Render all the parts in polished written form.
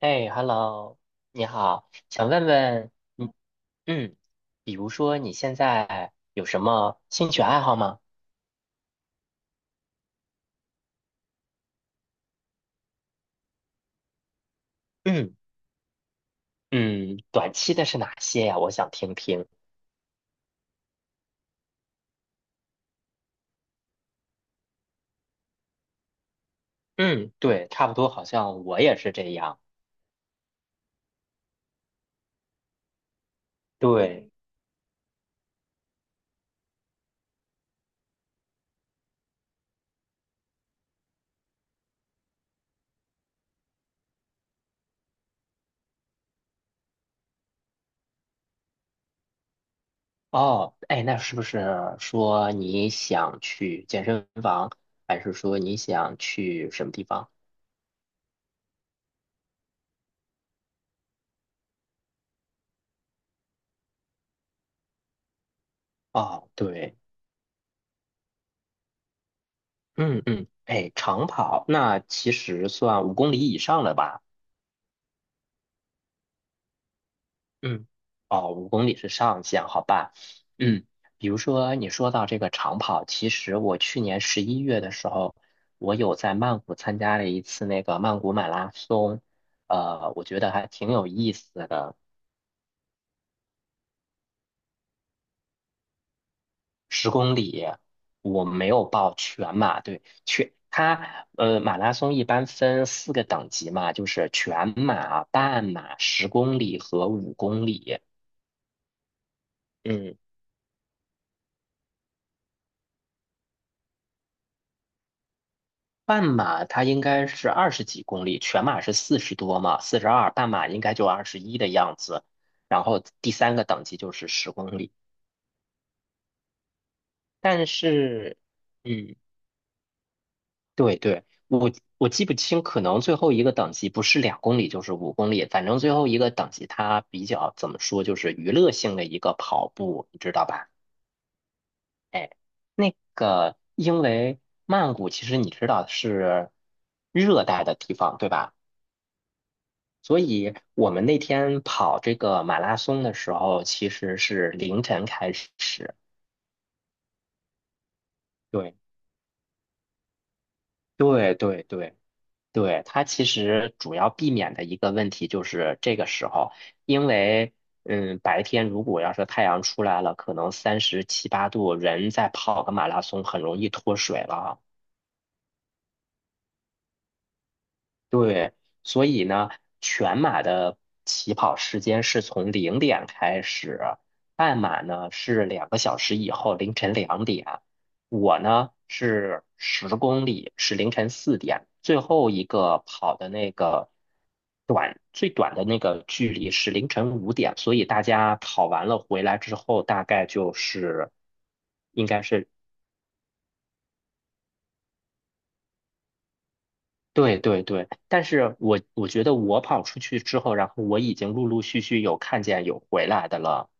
哎，Hello，你好，想问问嗯嗯，比如说你现在有什么兴趣爱好吗？嗯嗯，短期的是哪些呀？我想听听。嗯，对，差不多，好像我也是这样。对。哦，哎，那是不是说你想去健身房，还是说你想去什么地方？哦，对。嗯嗯，哎，长跑，那其实算5公里以上了吧？嗯。哦，五公里是上限，好吧？嗯，比如说你说到这个长跑，其实我去年11月的时候，我有在曼谷参加了一次那个曼谷马拉松，我觉得还挺有意思的。十公里。我没有报全马，对，马拉松一般分四个等级嘛，就是全马、半马、十公里和五公里。嗯。半马它应该是20几公里，全马是四十多嘛，42，半马应该就21的样子。然后第三个等级就是十公里。但是，嗯，对对，我记不清，可能最后一个等级不是2公里就是五公里，反正最后一个等级它比较怎么说，就是娱乐性的一个跑步，你知道吧？哎，那个因为曼谷其实你知道是热带的地方，对吧？所以我们那天跑这个马拉松的时候，其实是凌晨开始。对，对，对，对，对。它其实主要避免的一个问题就是这个时候，因为白天如果要是太阳出来了，可能37、8度，人再跑个马拉松很容易脱水了。对。所以呢，全马的起跑时间是从0点开始，半马呢是2个小时以后凌晨2点，我呢是十公里是凌晨4点，最后一个跑的那个最短的那个距离是凌晨5点，所以大家跑完了回来之后，大概就是应该是，对对对，但是我觉得我跑出去之后，然后我已经陆陆续续有看见有回来的了。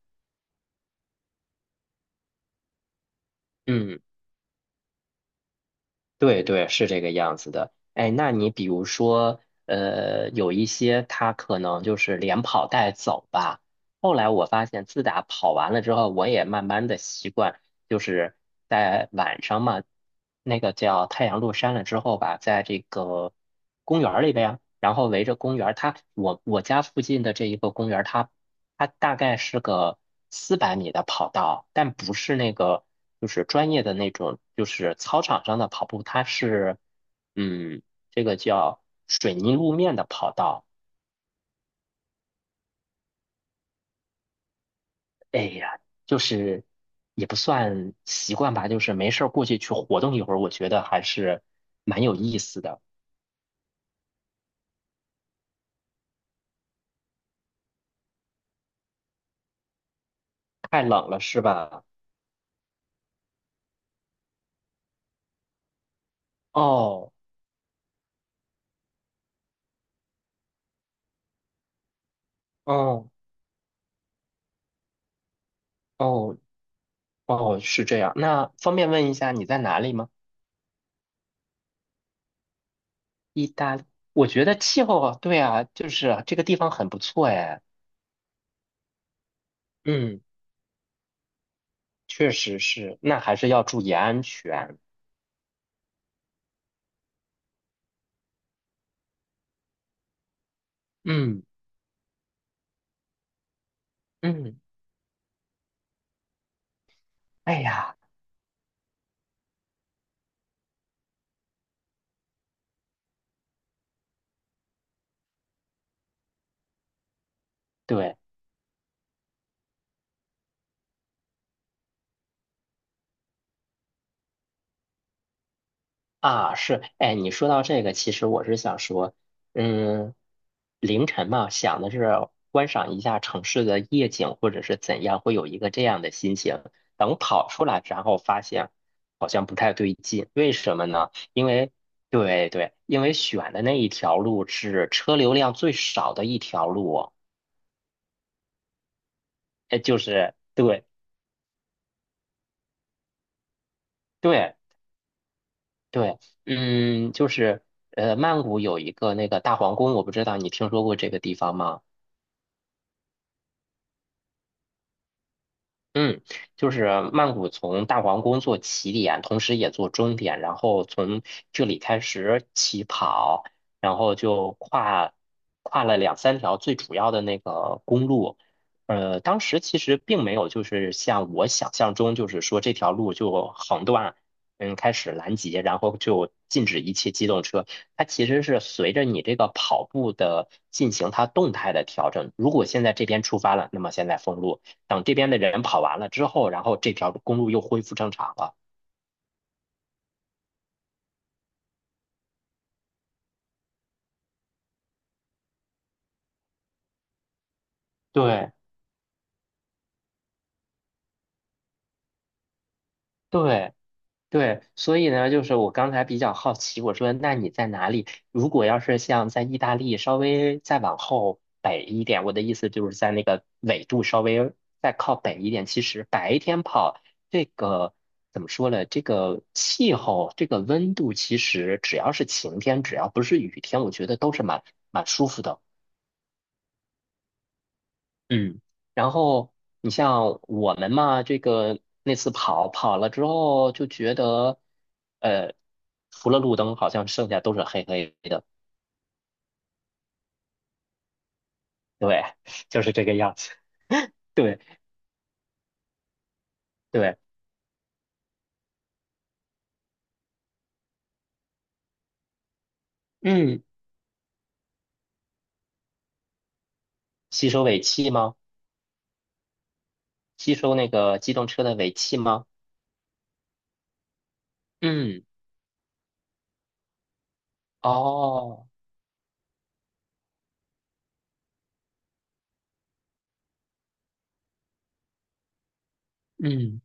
嗯，对对，是这个样子的。哎，那你比如说，有一些他可能就是连跑带走吧。后来我发现，自打跑完了之后，我也慢慢的习惯，就是在晚上嘛，那个叫太阳落山了之后吧，在这个公园儿里边。然后围着公园儿，我家附近的这一个公园儿，它大概是个400米的跑道，但不是那个就是专业的那种，就是操场上的跑步，它是嗯，这个叫水泥路面的跑道。哎呀，就是也不算习惯吧，就是没事儿过去去活动一会儿，我觉得还是蛮有意思的。太冷了是吧？哦哦哦哦，是这样。那方便问一下你在哪里吗？意大利，我觉得气候啊，对啊，就是这个地方很不错哎。嗯，确实是，那还是要注意安全。嗯嗯，哎呀，对。啊，是，哎，你说到这个，其实我是想说，嗯，凌晨嘛，想的是观赏一下城市的夜景，或者是怎样，会有一个这样的心情。等跑出来，然后发现好像不太对劲，为什么呢？因为，对对，因为选的那一条路是车流量最少的一条路哦。哎，就是对对对。就是曼谷有一个那个大皇宫，我不知道你听说过这个地方吗？嗯，就是曼谷从大皇宫做起点，同时也做终点，然后从这里开始起跑，然后就跨了2、3条最主要的那个公路。当时其实并没有就是像我想象中，就是说这条路就横断，开始拦截，然后就禁止一切机动车。它其实是随着你这个跑步的进行，它动态的调整。如果现在这边出发了，那么现在封路。等这边的人跑完了之后，然后这条公路又恢复正常了。对对对，所以呢，就是我刚才比较好奇，我说那你在哪里？如果要是像在意大利稍微再往后北一点，我的意思就是在那个纬度稍微再靠北一点，其实白天跑这个怎么说呢？这个气候，这个温度，其实只要是晴天，只要不是雨天，我觉得都是蛮舒服的。嗯，然后你像我们嘛，这个那次跑了之后，就觉得，呃，除了路灯，好像剩下都是黑黑的。对，就是这个样子，对对。嗯，吸收尾气吗？吸收那个机动车的尾气吗？嗯，哦，嗯。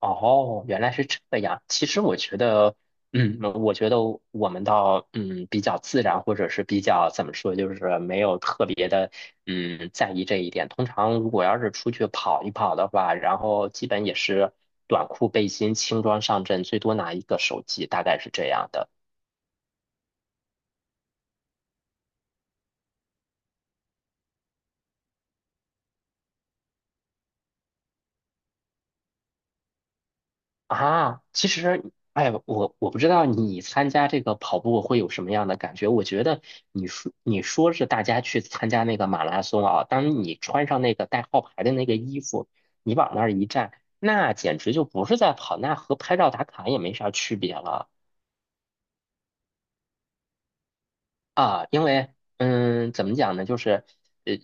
哦，原来是这个样。其实我觉得，我觉得我们倒，比较自然，或者是比较怎么说，就是没有特别的，在意这一点。通常如果要是出去跑一跑的话，然后基本也是短裤、背心、轻装上阵，最多拿一个手机，大概是这样的。啊，其实，哎，我不知道你参加这个跑步会有什么样的感觉。我觉得你说是大家去参加那个马拉松啊，当你穿上那个带号牌的那个衣服，你往那儿一站，那简直就不是在跑，那和拍照打卡也没啥区别了。啊，因为怎么讲呢，就是呃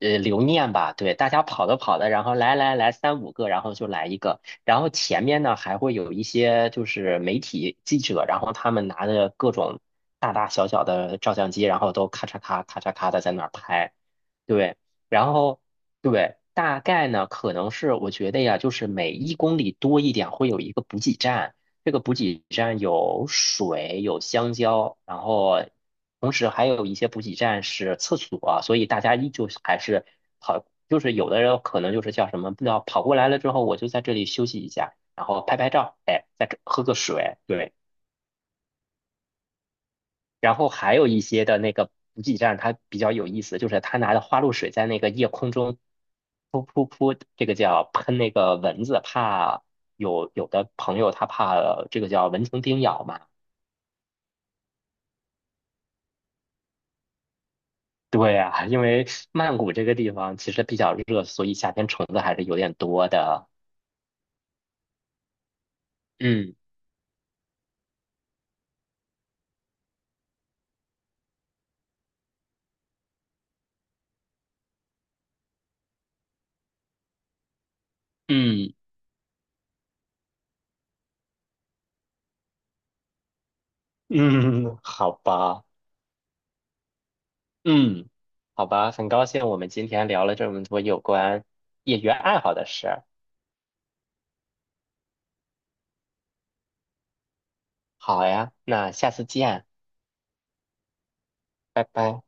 留念吧，对，大家跑的跑的，然后来来来3、5个，然后就来一个，然后前面呢还会有一些就是媒体记者，然后他们拿着各种大大小小的照相机，然后都咔嚓咔咔嚓咔的在那儿拍。对，然后对，大概呢可能是我觉得呀，就是每1公里多一点会有一个补给站。这个补给站有水，有香蕉，然后同时还有一些补给站是厕所，所以大家依旧是还是跑，就是有的人可能就是叫什么，不知道跑过来了之后，我就在这里休息一下，然后拍拍照，哎，再吃喝个水，对。然后还有一些的那个补给站，它比较有意思，就是他拿着花露水在那个夜空中噗噗噗，这个叫喷那个蚊子，怕有的朋友他怕这个叫蚊虫叮咬嘛。对呀，因为曼谷这个地方其实比较热，所以夏天虫子还是有点多的。嗯嗯嗯，好吧，嗯，好吧，很高兴我们今天聊了这么多有关业余爱好的事儿。好呀，那下次见，拜拜。